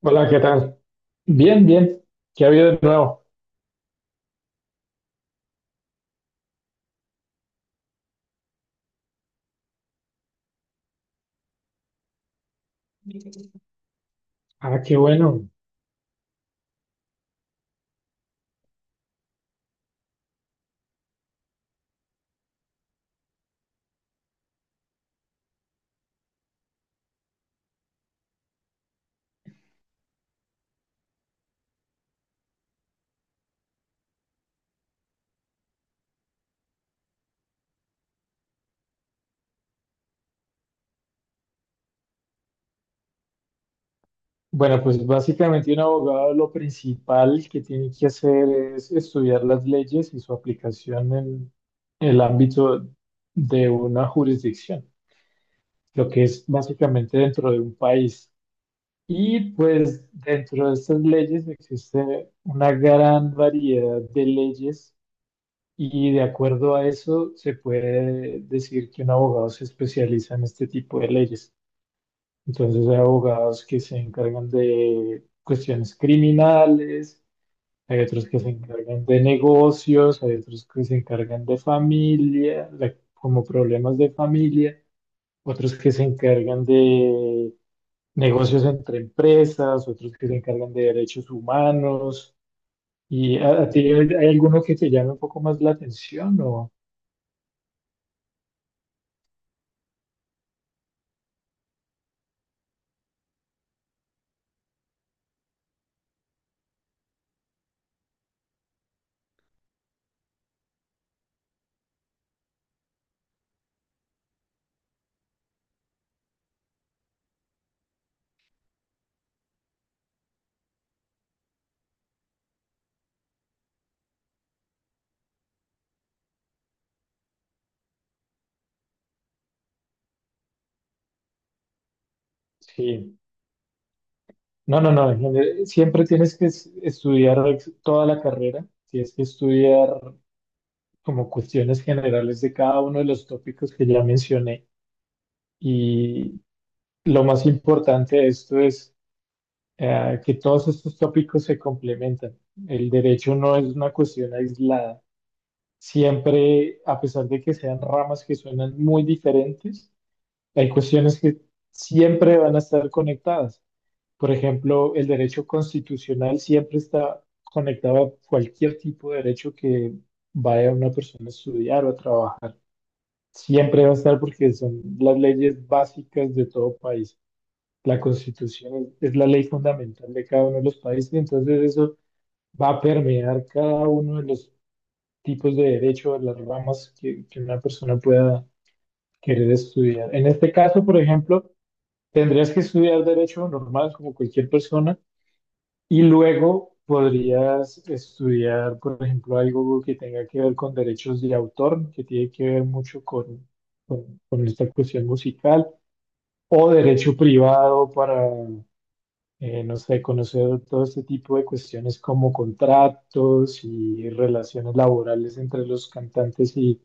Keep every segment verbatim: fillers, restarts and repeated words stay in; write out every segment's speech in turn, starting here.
Hola, ¿qué tal? Bien, bien. ¿Qué ha habido de nuevo? Ah, qué bueno. Bueno, pues básicamente un abogado lo principal que tiene que hacer es estudiar las leyes y su aplicación en el ámbito de una jurisdicción, lo que es básicamente dentro de un país. Y pues dentro de estas leyes existe una gran variedad de leyes y de acuerdo a eso se puede decir que un abogado se especializa en este tipo de leyes. Entonces hay abogados que se encargan de cuestiones criminales, hay otros que se encargan de negocios, hay otros que se encargan de familia, de- como problemas de familia, otros que se encargan de negocios entre empresas, otros que se encargan de derechos humanos. ¿Y a, a ti hay, hay alguno que te llame un poco más la atención o sí? No, no, no, en general, siempre tienes que es- estudiar ex- toda la carrera, tienes que estudiar como cuestiones generales de cada uno de los tópicos que ya mencioné. Y lo más importante de esto es eh, que todos estos tópicos se complementan. El derecho no es una cuestión aislada. Siempre, a pesar de que sean ramas que suenan muy diferentes, hay cuestiones que siempre van a estar conectadas. Por ejemplo, el derecho constitucional siempre está conectado a cualquier tipo de derecho que vaya una persona a estudiar o a trabajar. Siempre va a estar porque son las leyes básicas de todo país. La constitución es, es la ley fundamental de cada uno de los países, entonces eso va a permear cada uno de los tipos de derecho, de las ramas que, que una persona pueda querer estudiar. En este caso, por ejemplo, tendrías que estudiar derecho normal como cualquier persona y luego podrías estudiar, por ejemplo, algo que tenga que ver con derechos de autor, que tiene que ver mucho con con, con esta cuestión musical, o derecho privado para, eh, no sé, conocer todo este tipo de cuestiones como contratos y relaciones laborales entre los cantantes y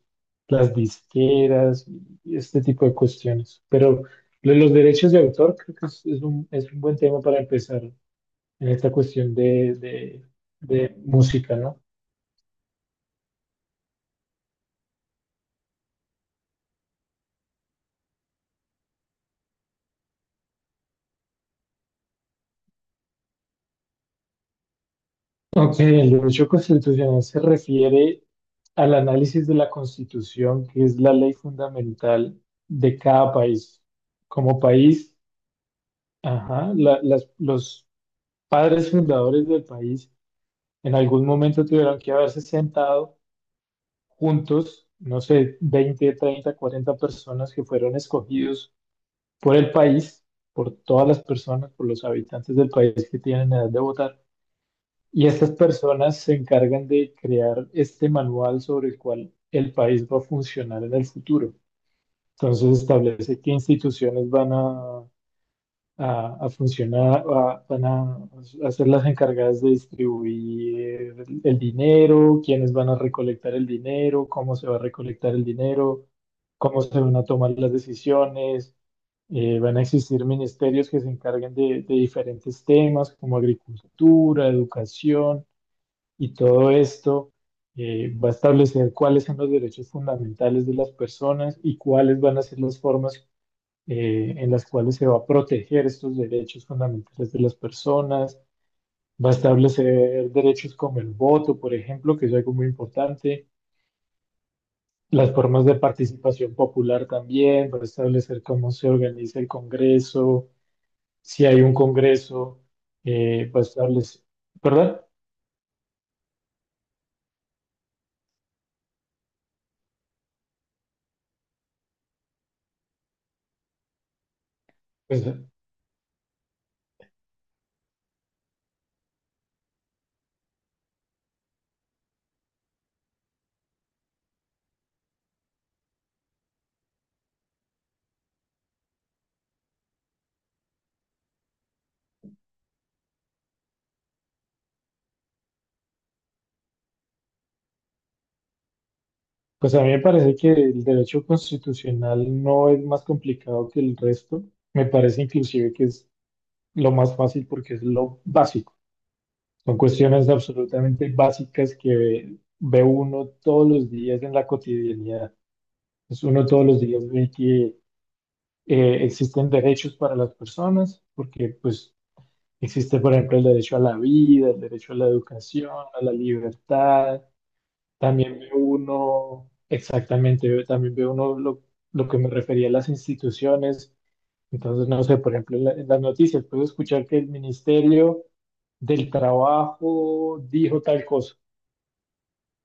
las disqueras y este tipo de cuestiones. Pero lo de los derechos de autor creo que es, es un, es un buen tema para empezar en esta cuestión de, de de música, ¿no? Ok, el derecho constitucional se refiere al análisis de la Constitución, que es la ley fundamental de cada país. Como país, ajá, la- las- los padres fundadores del país en algún momento tuvieron que haberse sentado juntos, no sé, veinte, treinta, cuarenta personas que fueron escogidos por el país, por todas las personas, por los habitantes del país que tienen edad de votar. Y estas personas se encargan de crear este manual sobre el cual el país va a funcionar en el futuro. Entonces establece qué instituciones van a, a- a funcionar, a- van a, a ser las encargadas de distribuir el, el dinero, quiénes van a recolectar el dinero, cómo se va a recolectar el dinero, cómo se van a tomar las decisiones. Eh, van a existir ministerios que se encarguen de de diferentes temas como agricultura, educación y todo esto eh, va a establecer cuáles son los derechos fundamentales de las personas y cuáles van a ser las formas eh, en las cuales se va a proteger estos derechos fundamentales de las personas. Va a establecer derechos como el voto, por ejemplo, que es algo muy importante. Las formas de participación popular también, va a establecer cómo se organiza el Congreso, si hay un Congreso, eh, va a establecer, ¿verdad? Pues, Pues a mí me parece que el derecho constitucional no es más complicado que el resto. Me parece inclusive que es lo más fácil porque es lo básico. Son cuestiones absolutamente básicas que ve, ve uno todos los días en la cotidianidad. Pues uno todos los días ve que eh, existen derechos para las personas, porque pues existe, por ejemplo, el derecho a la vida, el derecho a la educación, a la libertad. También veo uno, exactamente, veo- también veo uno lo, lo que me refería a las instituciones. Entonces, no sé, por ejemplo, en, la- en las noticias puedo escuchar que el Ministerio del Trabajo dijo tal cosa.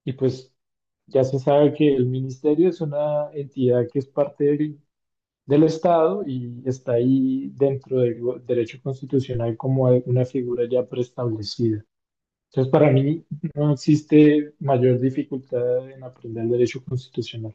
Y pues ya se sabe que el ministerio es una entidad que es parte del, del Estado y está ahí dentro del go- derecho constitucional como una figura ya preestablecida. Entonces, para mí no existe mayor dificultad en aprender derecho constitucional.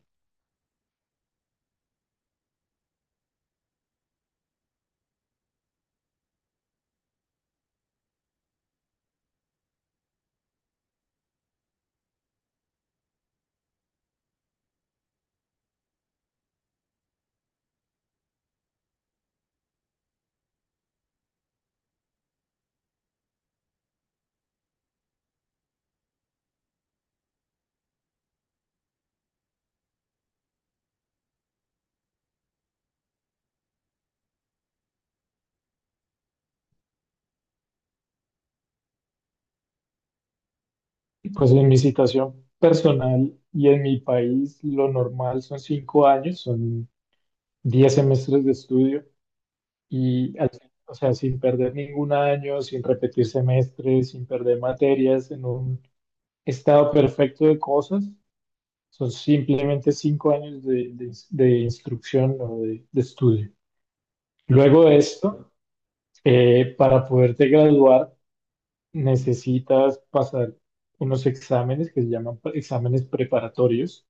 Pues en mi situación personal y en mi país, lo normal son cinco años, son diez semestres de estudio. Y al fin- o sea, sin perder ningún año, sin repetir semestres, sin perder materias, en un estado perfecto de cosas, son simplemente cinco años de, de- de instrucción o de, de estudio. Luego de esto, eh, para poderte graduar, necesitas pasar unos exámenes que se llaman pre- exámenes preparatorios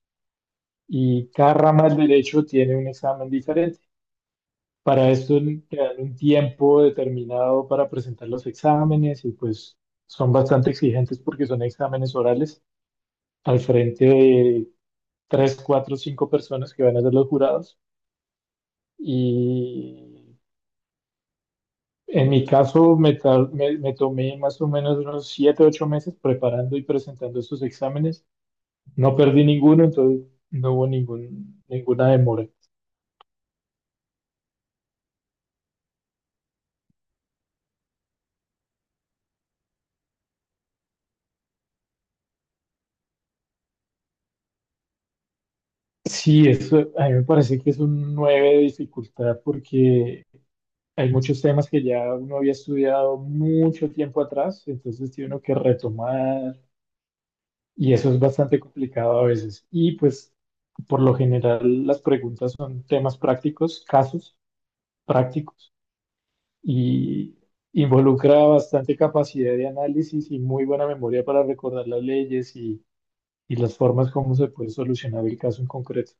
y cada rama del derecho tiene un examen diferente. Para esto te dan un tiempo determinado para presentar los exámenes y pues son bastante exigentes porque son exámenes orales al frente de tres, cuatro, cinco personas que van a ser los jurados. Y en mi caso me, tar- me- me tomé más o menos unos siete, ocho meses preparando y presentando estos exámenes. No perdí ninguno, entonces no hubo ningún, ninguna demora. Sí, eso a mí me parece que es un nueve de dificultad porque hay muchos temas que ya uno había estudiado mucho tiempo atrás, entonces tiene uno que retomar y eso es bastante complicado a veces. Y pues por lo general las preguntas son temas prácticos, casos prácticos y involucra bastante capacidad de análisis y muy buena memoria para recordar las leyes y, y las formas como se puede solucionar el caso en concreto.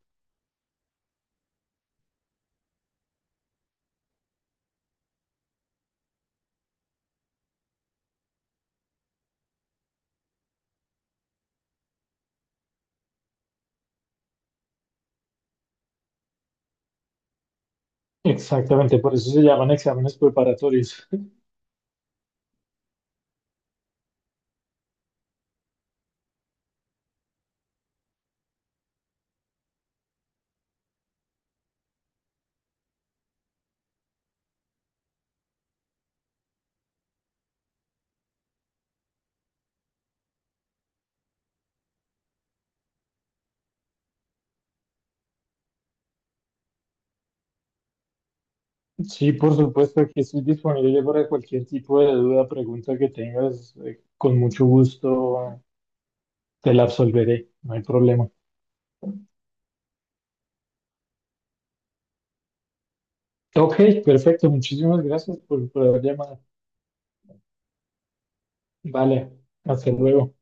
Exactamente, por eso se llaman exámenes preparatorios. Sí, por supuesto, aquí estoy disponible para cualquier tipo de duda, pregunta que tengas, eh, con mucho gusto te la absolveré, no hay problema. Ok, perfecto, muchísimas gracias por, por haber llamado. Vale, hasta luego.